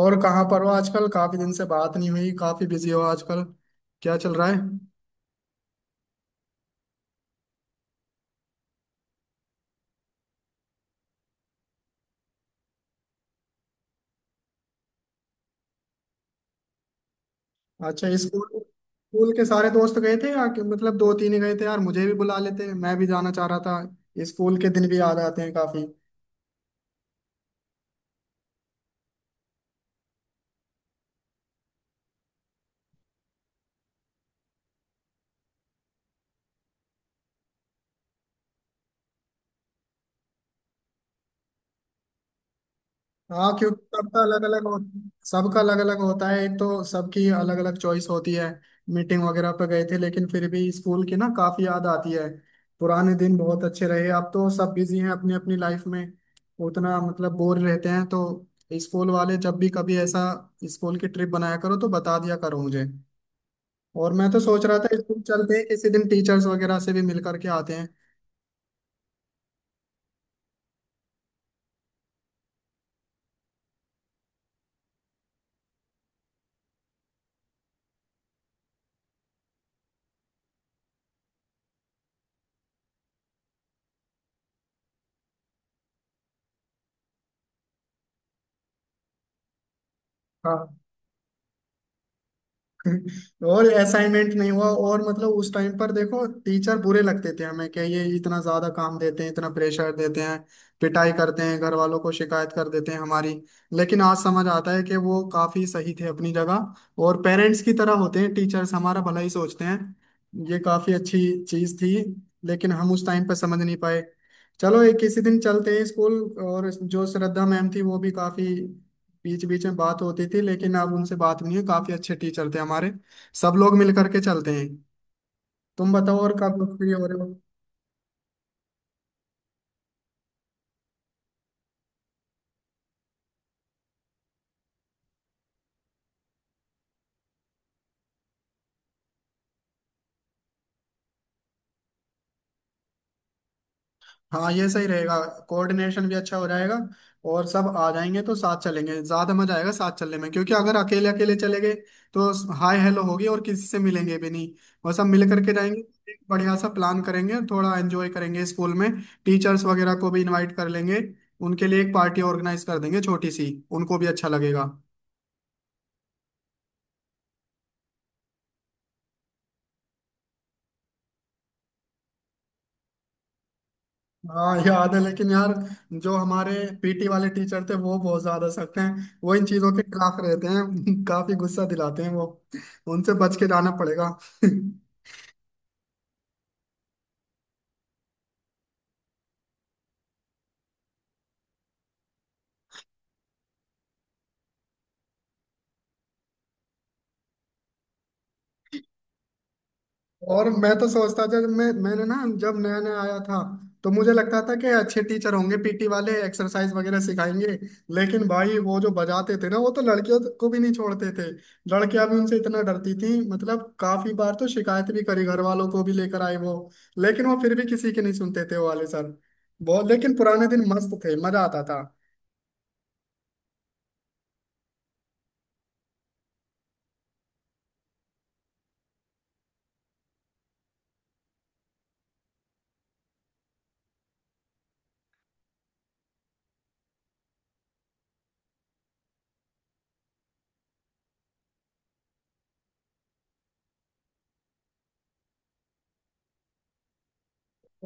और कहाँ पर हो आजकल? काफी दिन से बात नहीं हुई। काफी बिजी हो आजकल? क्या चल रहा है? अच्छा, स्कूल स्कूल के सारे दोस्त गए थे मतलब दो तीन ही गए थे? यार मुझे भी बुला लेते, मैं भी जाना चाह रहा था। स्कूल के दिन भी याद आते हैं काफी। हाँ, क्योंकि सबका अलग अलग होता है। एक तो सबकी अलग अलग चॉइस होती है। मीटिंग वगैरह पे गए थे लेकिन फिर भी स्कूल की ना काफी याद आती है। पुराने दिन बहुत अच्छे रहे। अब तो सब बिजी हैं अपनी अपनी लाइफ में। उतना मतलब बोर रहते हैं तो स्कूल वाले जब भी कभी ऐसा स्कूल की ट्रिप बनाया करो तो बता दिया करो मुझे। और मैं तो सोच रहा था स्कूल चलते हैं किसी दिन, टीचर्स वगैरह से भी मिल करके आते हैं। हाँ। और असाइनमेंट नहीं हुआ, और मतलब उस टाइम पर देखो टीचर बुरे लगते थे हमें, कि ये इतना ज्यादा काम देते हैं, इतना प्रेशर देते हैं, पिटाई करते हैं, घर वालों को शिकायत कर देते हैं हमारी। लेकिन आज समझ आता है कि वो काफी सही थे अपनी जगह, और पेरेंट्स की तरह होते हैं टीचर्स, हमारा भला ही सोचते हैं। ये काफी अच्छी चीज थी लेकिन हम उस टाइम पर समझ नहीं पाए। चलो एक किसी दिन चलते हैं स्कूल। और जो श्रद्धा मैम थी वो भी काफी बीच बीच में बात होती थी, लेकिन अब उनसे बात नहीं हुई। काफी अच्छे टीचर थे हमारे। सब लोग मिल करके चलते हैं। तुम बताओ, और कब फ्री हो रहे हो? हाँ, ये सही रहेगा, कोऑर्डिनेशन भी अच्छा हो जाएगा। और सब आ जाएंगे तो साथ चलेंगे, ज्यादा मजा आएगा साथ चलने में, क्योंकि अगर अकेले अकेले चले गए तो हाय हेलो होगी और किसी से मिलेंगे भी नहीं। और सब मिल करके जाएंगे, एक बढ़िया सा प्लान करेंगे, थोड़ा एंजॉय करेंगे स्कूल में। टीचर्स वगैरह को भी इनवाइट कर लेंगे। उनके लिए एक पार्टी ऑर्गेनाइज कर देंगे छोटी सी, उनको भी अच्छा लगेगा। हाँ याद है, लेकिन यार जो हमारे पीटी वाले टीचर थे वो बहुत ज्यादा सख्त हैं, वो इन चीजों के खिलाफ रहते हैं। काफी गुस्सा दिलाते हैं वो। उनसे बच के जाना पड़ेगा। और मैं तो सोचता था जब मैं मैंने ना जब नया नया आया था तो मुझे लगता था कि अच्छे टीचर होंगे, पीटी वाले एक्सरसाइज वगैरह सिखाएंगे। लेकिन भाई वो जो बजाते थे ना वो तो लड़कियों को भी नहीं छोड़ते थे। लड़कियां भी उनसे इतना डरती थी, मतलब काफी बार तो शिकायत भी करी, घर वालों को भी लेकर आए वो। लेकिन वो फिर भी किसी की नहीं सुनते थे, वो वाले सर। बहुत लेकिन पुराने दिन मस्त थे, मजा आता था।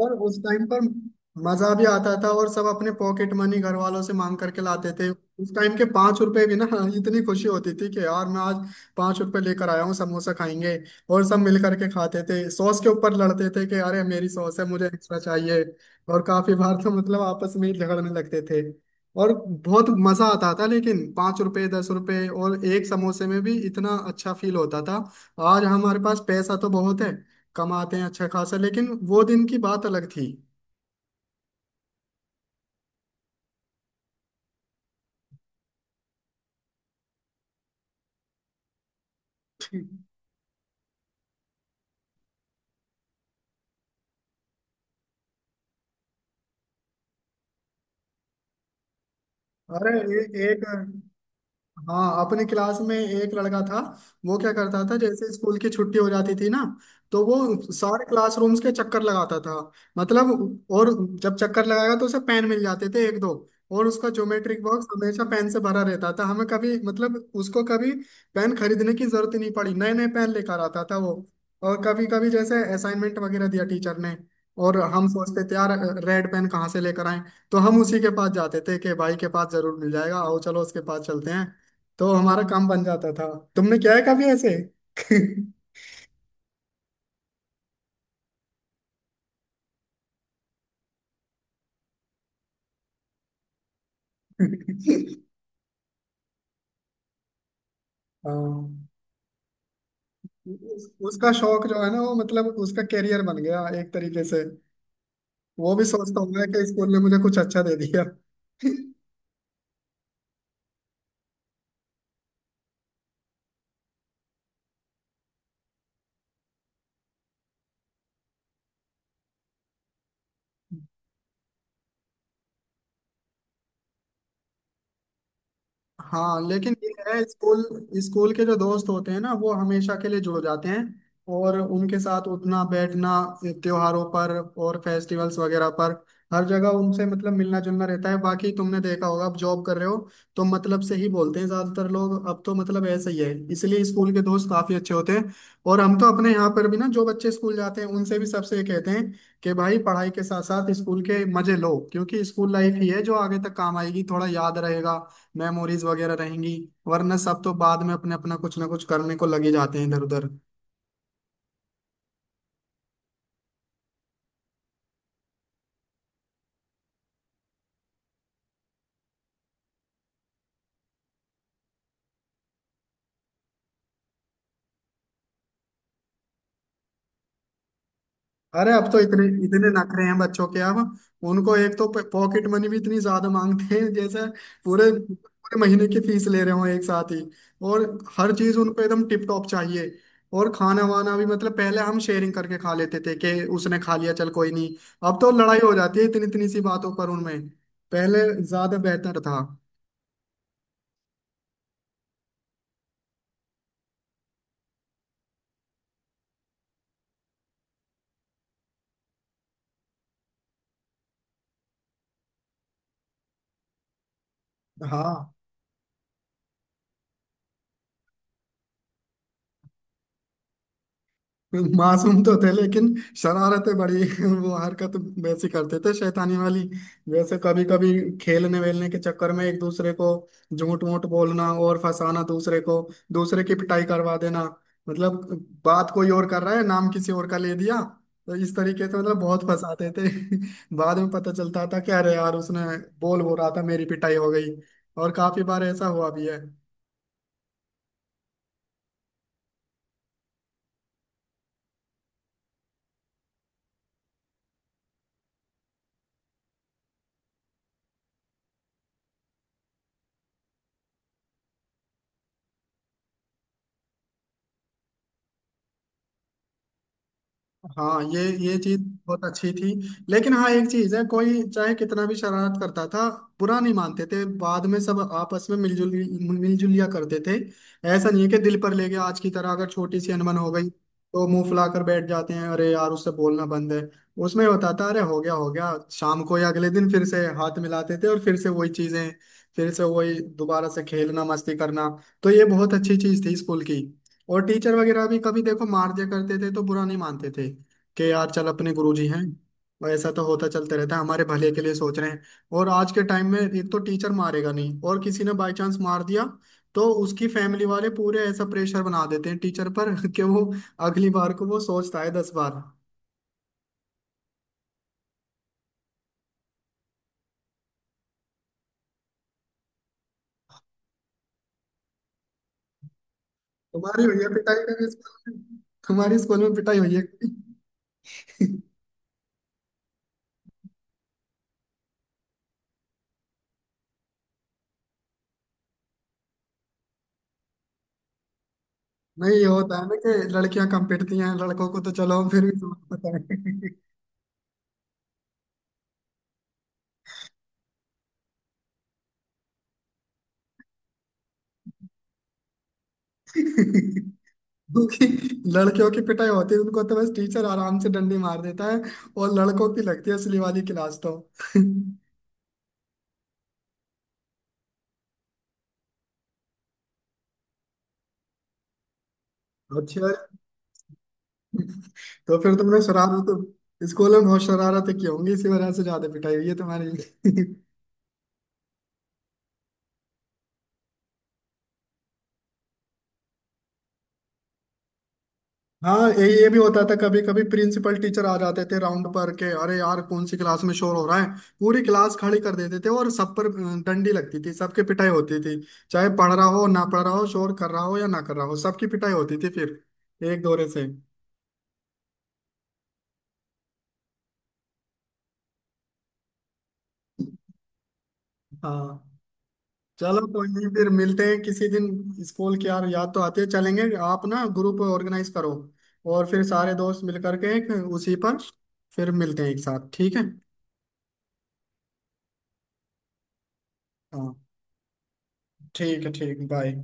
और उस टाइम पर मजा भी आता था, और सब अपने पॉकेट मनी घर वालों से मांग करके लाते थे। उस टाइम के 5 रुपए भी ना, हाँ, इतनी खुशी होती थी कि यार मैं आज 5 रुपए लेकर आया हूँ, समोसा खाएंगे। और सब मिल करके खाते थे, सॉस के ऊपर लड़ते थे कि अरे मेरी सॉस है, मुझे एक्स्ट्रा चाहिए। और काफी बार तो मतलब आपस में ही झगड़ने लगते थे, और बहुत मजा आता था। लेकिन 5 रुपए 10 रुपए और एक समोसे में भी इतना अच्छा फील होता था। आज हमारे पास पैसा तो बहुत है, कमाते हैं अच्छा खासा, लेकिन वो दिन की बात अलग थी। अरे! ए, एक हाँ, अपने क्लास में एक लड़का था। वो क्या करता था, जैसे स्कूल की छुट्टी हो जाती थी ना तो वो सारे क्लासरूम्स के चक्कर लगाता था। मतलब, और जब चक्कर लगाएगा तो उसे पेन मिल जाते थे, एक दो। और उसका ज्योमेट्रिक बॉक्स हमेशा पेन से भरा रहता था, हमें कभी मतलब उसको कभी पेन खरीदने की जरूरत ही नहीं पड़ी, नए नए पेन लेकर आता था वो। और कभी कभी जैसे असाइनमेंट वगैरह दिया टीचर ने, और हम सोचते थे यार रेड पेन कहाँ से लेकर आए, तो हम उसी के पास जाते थे कि भाई के पास जरूर मिल जाएगा, आओ चलो उसके पास चलते हैं, तो हमारा काम बन जाता था। तुमने किया है कभी ऐसे? हाँ, उसका शौक जो है ना वो मतलब उसका करियर बन गया एक तरीके से। वो भी सोचता हूँ मैं कि स्कूल ने मुझे कुछ अच्छा दे दिया। हाँ लेकिन ये है स्कूल, स्कूल के जो दोस्त होते हैं ना वो हमेशा के लिए जुड़ जाते हैं, और उनके साथ उठना बैठना त्योहारों पर और फेस्टिवल्स वगैरह पर हर जगह उनसे मतलब मिलना जुलना रहता है। बाकी तुमने देखा होगा, अब जॉब कर रहे हो तो मतलब से ही बोलते हैं ज्यादातर लोग। अब तो मतलब ऐसा ही है, इसलिए स्कूल के दोस्त काफी अच्छे होते हैं। और हम तो अपने यहाँ पर भी ना जो बच्चे स्कूल जाते हैं उनसे भी सबसे ये कहते हैं कि भाई पढ़ाई के साथ साथ स्कूल के मजे लो, क्योंकि स्कूल लाइफ ही है जो आगे तक काम आएगी, थोड़ा याद रहेगा, मेमोरीज वगैरह रहेंगी। वरना सब तो बाद में अपने अपना कुछ ना कुछ करने को लगे जाते हैं इधर उधर। अरे अब तो इतने इतने नखरे हैं बच्चों के अब। उनको एक तो पॉकेट मनी भी इतनी ज्यादा मांगते हैं, जैसे पूरे पूरे महीने की फीस ले रहे हो एक साथ ही। और हर चीज उनको एकदम टिप टॉप चाहिए। और खाना वाना भी, मतलब पहले हम शेयरिंग करके खा लेते थे कि उसने खा लिया चल कोई नहीं, अब तो लड़ाई हो जाती है इतनी इतनी सी बातों पर उनमें। पहले ज्यादा बेहतर था। हाँ मासूम तो थे, लेकिन शरारतें बड़ी। वो हरकत वैसी करते थे, शैतानी वाली। वैसे कभी कभी खेलने वेलने के चक्कर में एक दूसरे को झूठ मूठ बोलना और फंसाना दूसरे को, दूसरे की पिटाई करवा देना। मतलब बात कोई और कर रहा है, नाम किसी और का ले दिया, तो इस तरीके से मतलब बहुत फंसाते थे। बाद में पता चलता था कि अरे यार उसने बोल बोल रहा था, मेरी पिटाई हो गई। और काफी बार ऐसा हुआ भी है। हाँ, ये चीज बहुत अच्छी थी। लेकिन हाँ एक चीज है, कोई चाहे कितना भी शरारत करता था, बुरा नहीं मानते थे, बाद में सब आपस में मिलजुल मिलजुलिया करते थे। ऐसा नहीं है कि दिल पर ले गया आज की तरह, अगर छोटी सी अनबन हो गई तो मुंह फुलाकर बैठ जाते हैं, अरे यार उससे बोलना बंद है। उसमें होता था, अरे हो गया हो गया, शाम को या अगले दिन फिर से हाथ मिलाते थे, और फिर से वही चीजें, फिर से वही दोबारा से खेलना, मस्ती करना। तो ये बहुत अच्छी चीज थी स्कूल की। और टीचर वगैरह भी कभी देखो मार दिया करते थे तो बुरा नहीं मानते थे, कि यार चल अपने गुरुजी हैं, और ऐसा तो होता चलते रहता है, हमारे भले के लिए सोच रहे हैं। और आज के टाइम में एक तो टीचर मारेगा नहीं, और किसी ने बाई चांस मार दिया तो उसकी फैमिली वाले पूरे ऐसा प्रेशर बना देते हैं टीचर पर कि वो अगली बार को वो सोचता है 10 बार। तुम्हारी हुई है पिटाई कभी स्कूल में? तुम्हारी स्कूल में पिटाई हुई है कभी? नहीं, ये होता है ना कि लड़कियां कम पिटती हैं, लड़कों को तो चलो फिर भी तुम्हें पता है। क्योंकि लड़कियों की पिटाई होती है, उनको तो बस टीचर आराम से डंडी मार देता है, और लड़कों की लगती है असली वाली क्लास तो। अच्छा, तो फिर तुमने शरारत तो स्कूल में बहुत शरारतें की होंगी इसी वजह से, ज्यादा पिटाई हुई है तुम्हारी। हाँ, ये भी होता था। कभी कभी प्रिंसिपल टीचर आ जाते थे राउंड पर के, अरे यार कौन सी क्लास में शोर हो रहा है। पूरी क्लास खड़ी कर देते थे और सब पर डंडी लगती थी, सबके पिटाई होती थी, चाहे पढ़ रहा हो ना पढ़ रहा हो, शोर कर रहा हो या ना कर रहा हो, सबकी पिटाई होती थी फिर एक दौरे से। हाँ चलो कोई नहीं, फिर मिलते हैं किसी दिन। स्कूल की यार याद तो आती है, चलेंगे। आप ना ग्रुप ऑर्गेनाइज करो, और फिर सारे दोस्त मिल करके एक उसी पर फिर मिलते हैं एक साथ, ठीक है? हाँ ठीक है, ठीक, बाय।